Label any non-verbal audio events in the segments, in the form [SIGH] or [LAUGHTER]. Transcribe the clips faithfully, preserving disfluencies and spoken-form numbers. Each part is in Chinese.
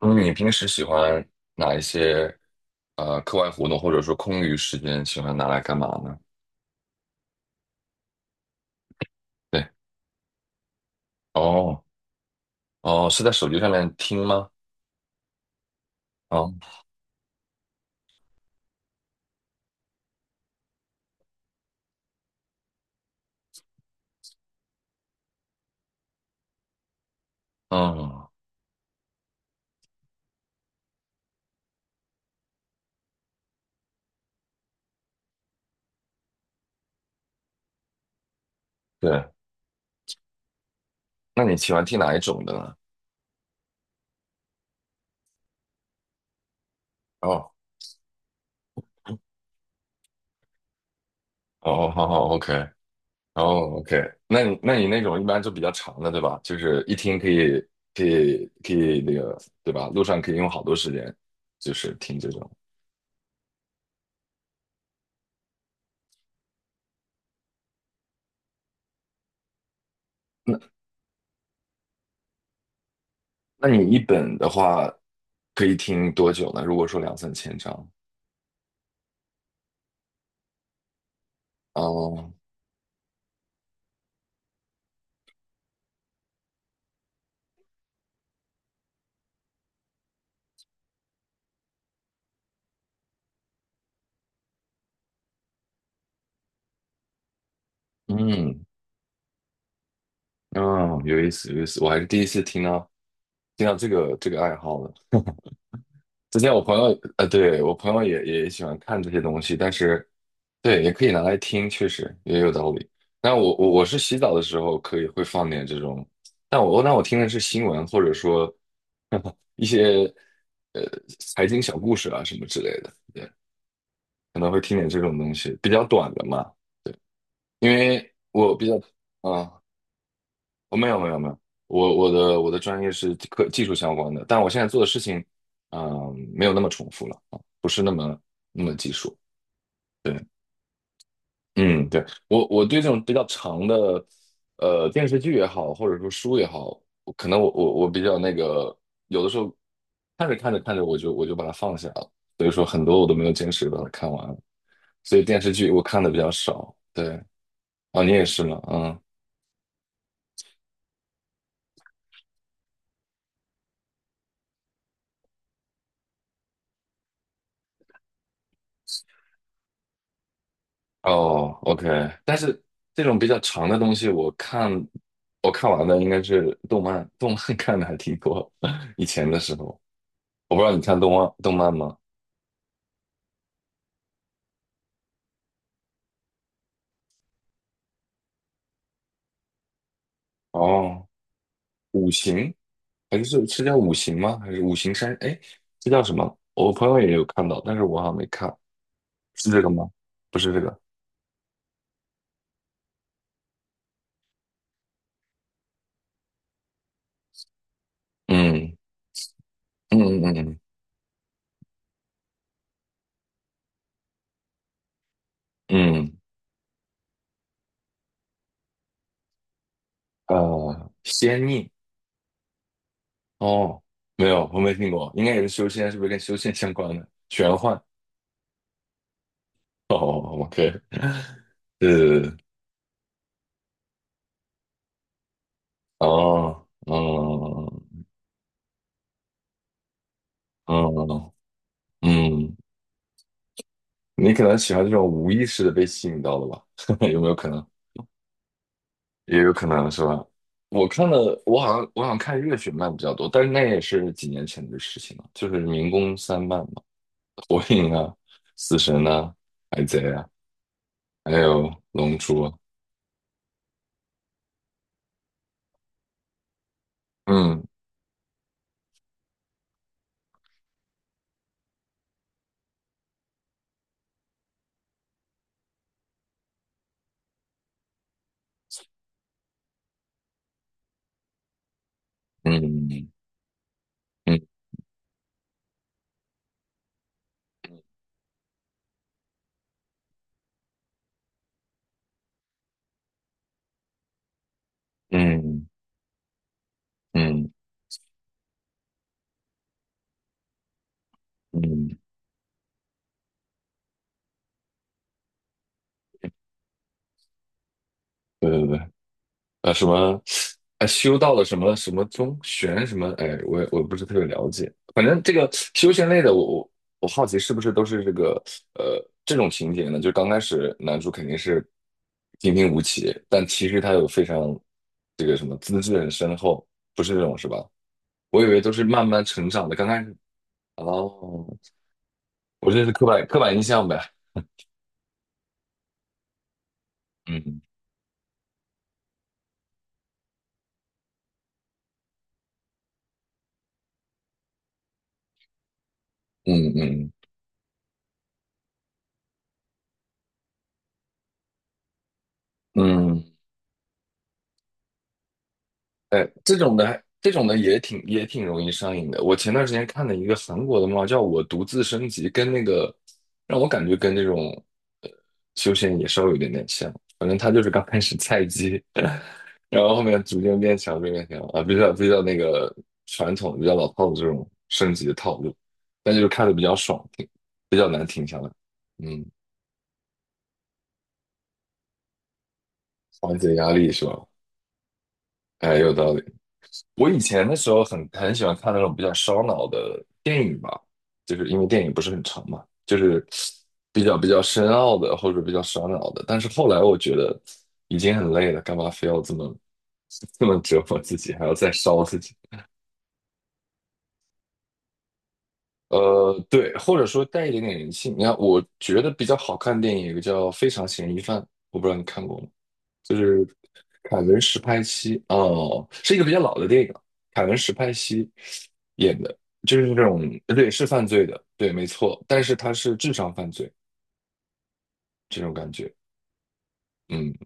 嗯，你平时喜欢哪一些呃课外活动，或者说空余时间喜欢拿来干嘛呢？对，哦哦，是在手机上面听吗？哦，嗯，对，那你喜欢听哪一种的呢？哦哦，哦好好，OK，哦 OK，那你那你那种一般就比较长的，对吧？就是一听可以可以可以那个，对吧？路上可以用好多时间，就是听这种。那那你一本的话，可以听多久呢？如果说两三千章，哦嗯，哦，有意思，有意思，我还是第一次听到听到这个这个爱好呢。之前我朋友，呃，对，我朋友也也喜欢看这些东西，但是，对，也可以拿来听，确实也有道理。那我我我是洗澡的时候可以会放点这种，但我那我听的是新闻，或者说 [LAUGHS] 一些呃财经小故事啊什么之类的，对，可能会听点这种东西，比较短的嘛，对，因为我比较，啊。我没有没有没有，我我的我的专业是科技术相关的，但我现在做的事情，嗯、没有那么重复了啊，不是那么那么技术。对，嗯，对，我我对这种比较长的，呃，电视剧也好，或者说书也好，我可能我我我比较那个，有的时候看着看着看着，我就我就把它放下了，所以说很多我都没有坚持把它看完，所以电视剧我看的比较少。对，啊，你也是吗？嗯哦，OK,但是这种比较长的东西，我看我看完的应该是动漫，动漫 [LAUGHS] 看的还挺多。[LAUGHS] 以前的时候，我不知道你看动漫动漫吗？哦，五行还是是叫五行吗？还是五行山？哎，这叫什么？我朋友也有看到，但是我好像没看，是这个吗？不是这个。嗯嗯嗯嗯嗯，呃，仙逆哦，没有，我没听过，应该也是修仙，是不是跟修仙相关的？玄幻哦，OK。是哦，嗯嗯嗯，你可能喜欢这种无意识的被吸引到的吧？[LAUGHS] 有没有可能？也有可能是吧？我看了，我好像我好像看热血漫比较多，但是那也是几年前的事情了，就是民工三漫嘛，火影啊、死神啊、海贼啊，还有龙珠啊，嗯嗯嗯嗯嗯嗯，嗯对对对。呃，什么，呃，修道的什么什么宗玄什么，哎，我也我不是特别了解。反正这个修仙类的，我我我好奇是不是都是这个呃这种情节呢？就刚开始男主肯定是平平无奇，但其实他有非常这个什么资质很深厚，不是这种是吧？我以为都是慢慢成长的，刚开始哦，我这是刻板刻板印象呗。嗯嗯嗯嗯。哎，这种的，这种的也挺也挺容易上瘾的。我前段时间看了一个韩国的漫画叫《我独自升级》，跟那个让我感觉跟这种呃修仙也稍微有点点像。反正他就是刚开始菜鸡，[LAUGHS] 然后后面逐渐变强，逐渐变强啊，比较比较那个传统、比较老套的这种升级的套路，但就是看的比较爽，挺比较难停下来。嗯，缓解压力是吧？哎，有道理。我以前的时候很很喜欢看那种比较烧脑的电影吧，就是因为电影不是很长嘛，就是比较比较深奥的或者比较烧脑的。但是后来我觉得已经很累了，干嘛非要这么 [LAUGHS] 这么折磨自己，还要再烧自己？呃，对，或者说带一点点人性。你看，我觉得比较好看的电影有个叫《非常嫌疑犯》，我不知道你看过吗？就是凯文·史派西，哦，是一个比较老的电影，凯文·史派西演的，就是这种，对，是犯罪的，对，没错，但是他是智商犯罪这种感觉，嗯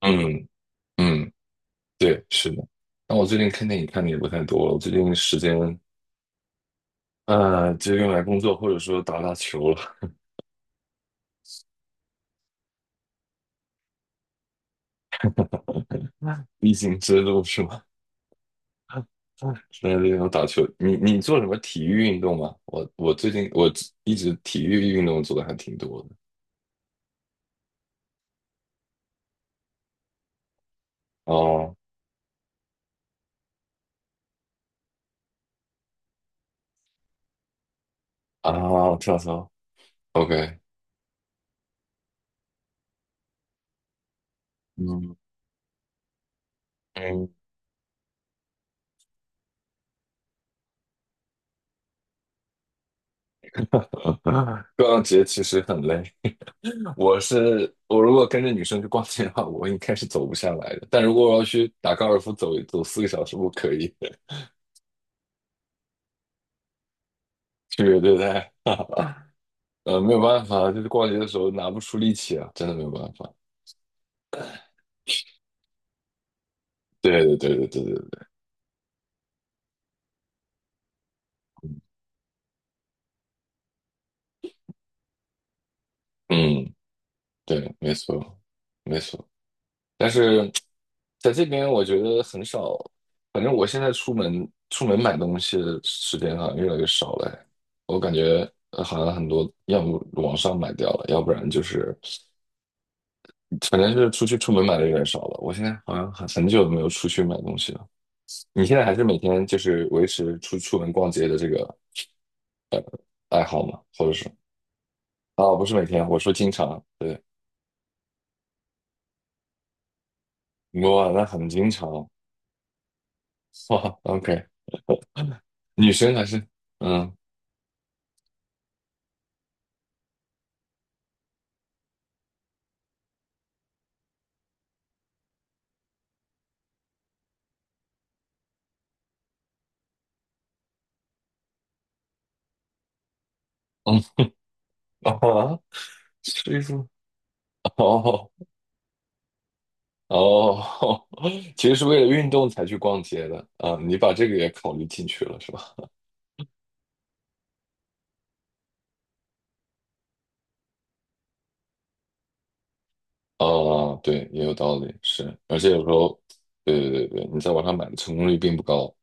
嗯嗯，对，是的。那我最近看电影看的也不太多了，我最近时间呃就用来工作或者说打打球了，[LAUGHS] 必经之路是吗？那那种打球，你你做什么体育运动吗？我我最近我一直体育运动做的还挺多的。哦啊，跳操，OK,嗯嗯，逛街其实很累。我是我如果跟着女生去逛街的话，我应该是走不下来的。但如果我要去打高尔夫走，走，四个小时，我可以的区别 [LAUGHS] 对待。[LAUGHS] 呃，没有办法，就是逛街的时候拿不出力气啊，真的没有办法。对对对对对对对，嗯，对，没错，没错。但是在这边我觉得很少，反正我现在出门出门买东西的时间好像越来越少了。我感觉呃好像很多要么网上买掉了，要不然就是反正就是出去出门买的有点少了。我现在好像很很久没有出去买东西了。你现在还是每天就是维持出出门逛街的这个爱好吗？或者是啊，不是每天，我说经常，对，哇，那很经常，哇，OK,女生还是嗯。[LAUGHS] 啊，所以说，哦哦，[LAUGHS] 其实是为了运动才去逛街的啊，你把这个也考虑进去了是吧？啊，对，也有道理，是，而且有时候，对对对对，你在网上买的成功率并不高，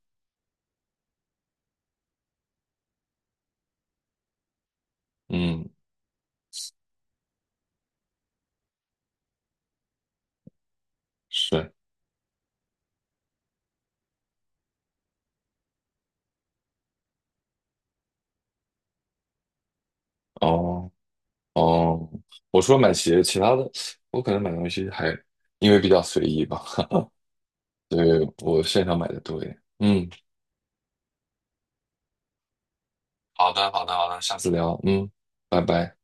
嗯，是，哦哦，我除了买鞋，其他的我可能买东西还因为比较随意吧，[LAUGHS] 所以我线上买的多一点，嗯，好的好的好的，下次聊，嗯，拜拜。